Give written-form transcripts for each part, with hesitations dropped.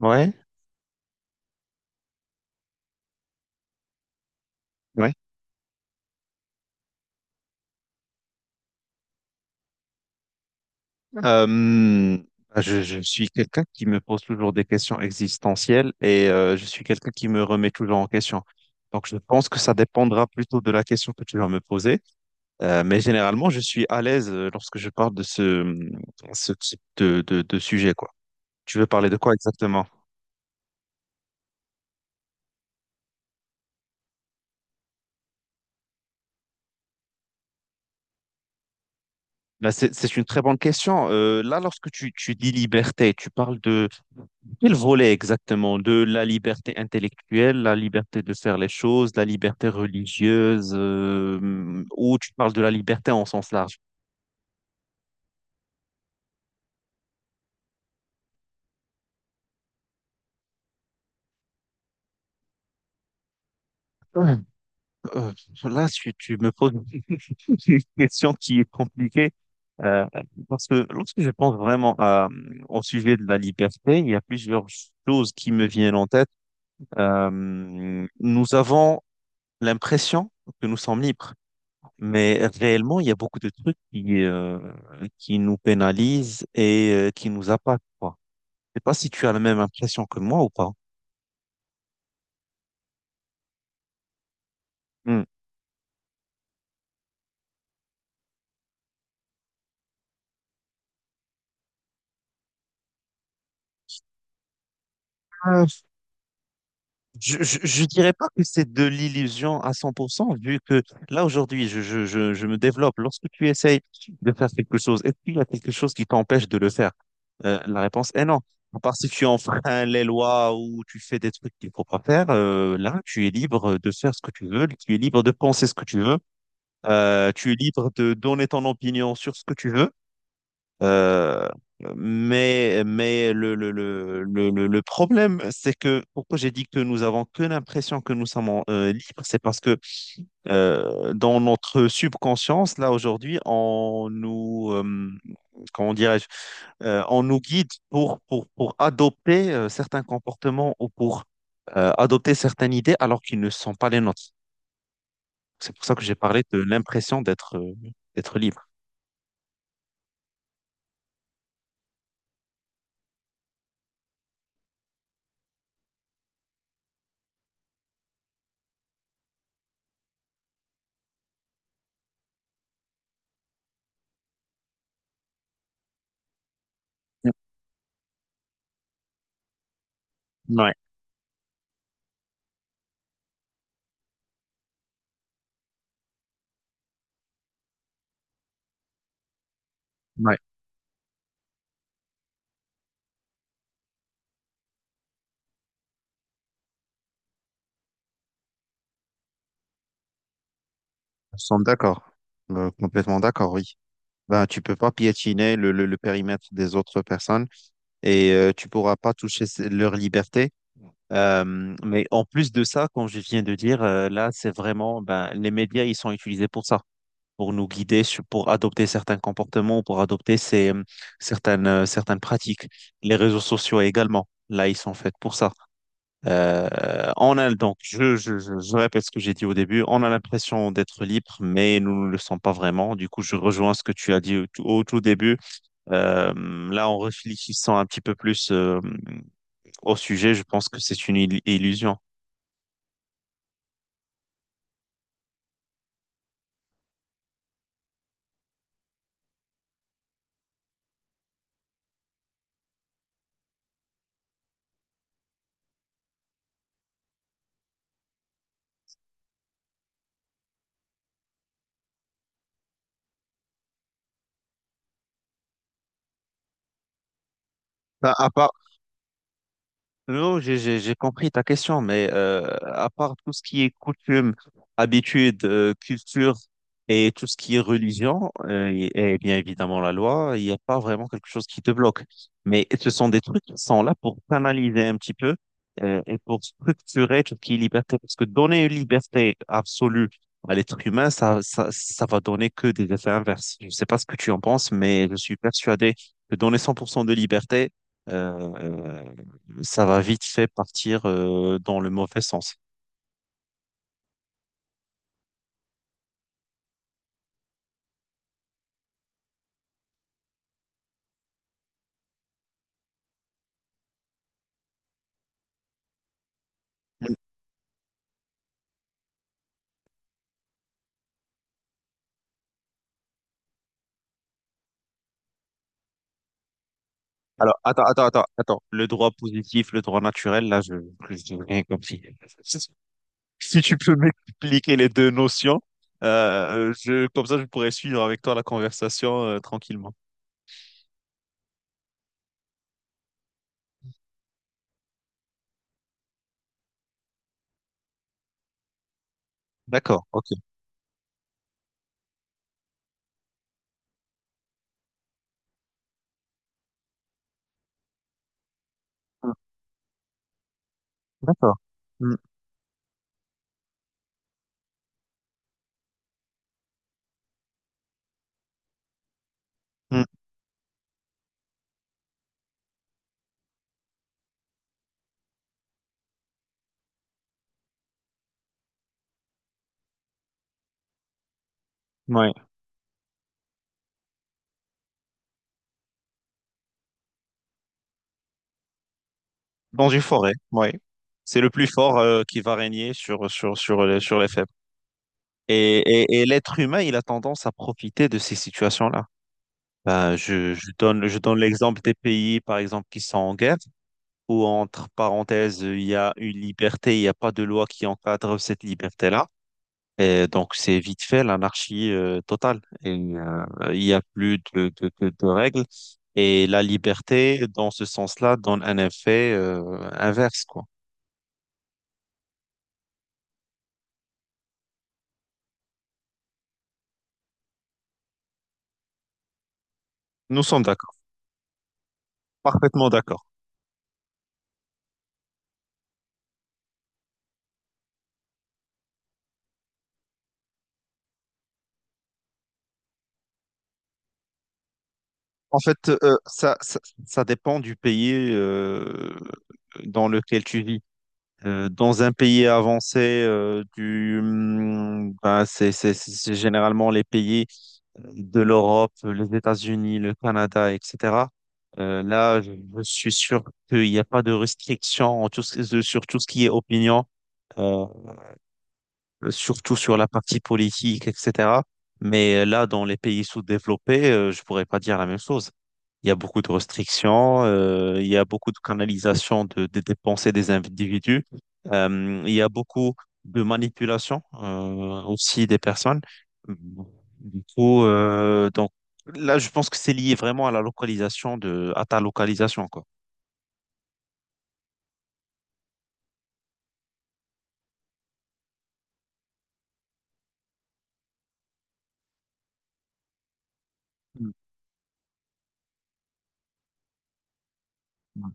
Ouais, ouais. Mhm. Je suis quelqu'un qui me pose toujours des questions existentielles et je suis quelqu'un qui me remet toujours en question. Donc, je pense que ça dépendra plutôt de la question que tu vas me poser. Mais généralement, je suis à l'aise lorsque je parle de ce, ce type de sujet, quoi. Tu veux parler de quoi exactement? Bah, c'est une très bonne question. Là, lorsque tu dis liberté, tu parles de quel volet exactement? De la liberté intellectuelle, la liberté de faire les choses, la liberté religieuse, ou tu parles de la liberté en sens large? Ouais. Euh, là, tu me poses une question qui est compliquée. Euh, parce que lorsque je pense vraiment au sujet de la liberté, il y a plusieurs choses qui me viennent en tête. Nous avons l'impression que nous sommes libres. Mais réellement, il y a beaucoup de trucs qui nous pénalisent et qui nous impactent, quoi. Je sais pas si tu as la même impression que moi ou pas. Hmm. Euh, je dirais pas que c'est de l'illusion à 100%, vu que là, aujourd'hui, je me développe. Lorsque tu essayes de faire quelque chose, est-ce qu'il y a quelque chose qui t'empêche de le faire? La réponse est non. À part si tu enfreins les lois ou tu fais des trucs qu'il faut pas faire, là, tu es libre de faire ce que tu veux, tu es libre de penser ce que tu veux. Tu es libre de donner ton opinion sur ce que tu veux. Euh, mais le problème, c'est que pourquoi j'ai dit que nous avons que l'impression que nous sommes libres, c'est parce que dans notre subconscience, là aujourd'hui, on nous, comment dirais-je, on nous guide pour adopter certains comportements ou pour adopter certaines idées alors qu'ils ne sont pas les nôtres. C'est pour ça que j'ai parlé de l'impression d'être libre. Ouais, ouais, nous sommes d'accord, complètement d'accord, oui. Ben, tu peux pas piétiner le périmètre des autres personnes et tu pourras pas toucher leur liberté. Mais en plus de ça, comme je viens de dire, là, c'est vraiment, ben, les médias, ils sont utilisés pour ça, pour nous guider, pour adopter certains comportements, pour adopter certaines pratiques. Les réseaux sociaux également, là, ils sont faits pour ça. On a donc, je répète ce que j'ai dit au début, on a l'impression d'être libre, mais nous ne le sommes pas vraiment. Du coup, je rejoins ce que tu as dit au tout début. Euh, là, en réfléchissant un petit peu plus au sujet, je pense que c'est une illusion. Bah, non, j'ai compris ta question, mais à part tout ce qui est coutume, habitude, culture et tout ce qui est religion, et bien évidemment la loi, il n'y a pas vraiment quelque chose qui te bloque. Mais ce sont des trucs qui sont là pour canaliser un petit peu et pour structurer tout ce qui est liberté. Parce que donner une liberté absolue à l'être humain, ça va donner que des effets inverses. Je ne sais pas ce que tu en penses, mais je suis persuadé que donner 100% de liberté, euh, euh, ça va vite fait partir dans le mauvais sens. Alors, attends, attends, attends, attends. Le droit positif, le droit naturel, là, je n'ai rien compris. Si si tu peux m'expliquer les deux notions, je, comme ça, je pourrais suivre avec toi la conversation tranquillement. D'accord, ok. Mm, d'accord. Mm, mm, ouais. Dans une forêt, oui. C'est le plus fort qui va régner sur les faibles. Et l'être humain, il a tendance à profiter de ces situations-là. Ben, je donne l'exemple des pays, par exemple, qui sont en guerre, où, entre parenthèses, il y a une liberté, il n'y a pas de loi qui encadre cette liberté-là. Et donc, c'est vite fait l'anarchie totale. Et il n'y a plus de règles. Et la liberté, dans ce sens-là, donne un effet inverse, quoi. Nous sommes d'accord. Parfaitement d'accord. En fait, ça dépend du pays dans lequel tu vis. Dans un pays avancé, ben, c'est généralement les pays de l'Europe, les États-Unis, le Canada, etc. Là, je suis sûr qu'il n'y a pas de restrictions en tout sur tout ce qui est opinion, euh, surtout sur la partie politique, etc. Mais là, dans les pays sous-développés, je pourrais pas dire la même chose. Il y a beaucoup de restrictions, il y a beaucoup de canalisation de, des pensées des individus, il y a beaucoup de manipulation aussi des personnes. Du coup, donc là, je pense que c'est lié vraiment à la localisation à ta localisation, quoi. Mm.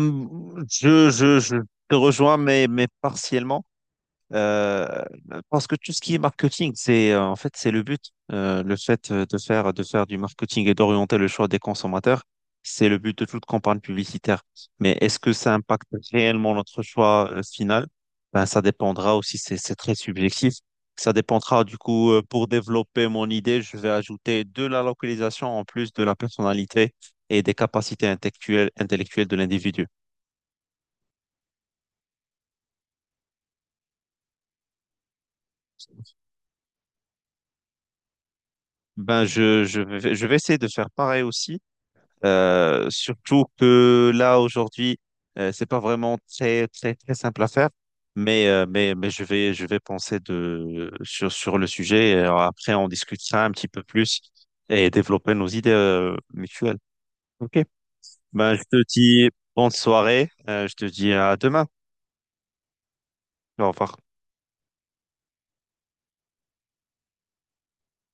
Je te rejoins, mais partiellement. Euh, parce que tout ce qui est marketing, c'est en fait c'est le but. Le fait de faire du marketing et d'orienter le choix des consommateurs, c'est le but de toute campagne publicitaire. Mais est-ce que ça impacte réellement notre choix final? Ben ça dépendra aussi, c'est très subjectif. Ça dépendra du coup pour développer mon idée, je vais ajouter de la localisation en plus de la personnalité et des capacités intellectuelles de l'individu. Ben je vais essayer de faire pareil aussi. Surtout que là, aujourd'hui, c'est pas vraiment très, très, très simple à faire. Mais je vais penser sur le sujet. Et après, on discutera un petit peu plus et développer nos idées mutuelles. OK. Ben, je te dis bonne soirée. Je te dis à demain. Au revoir.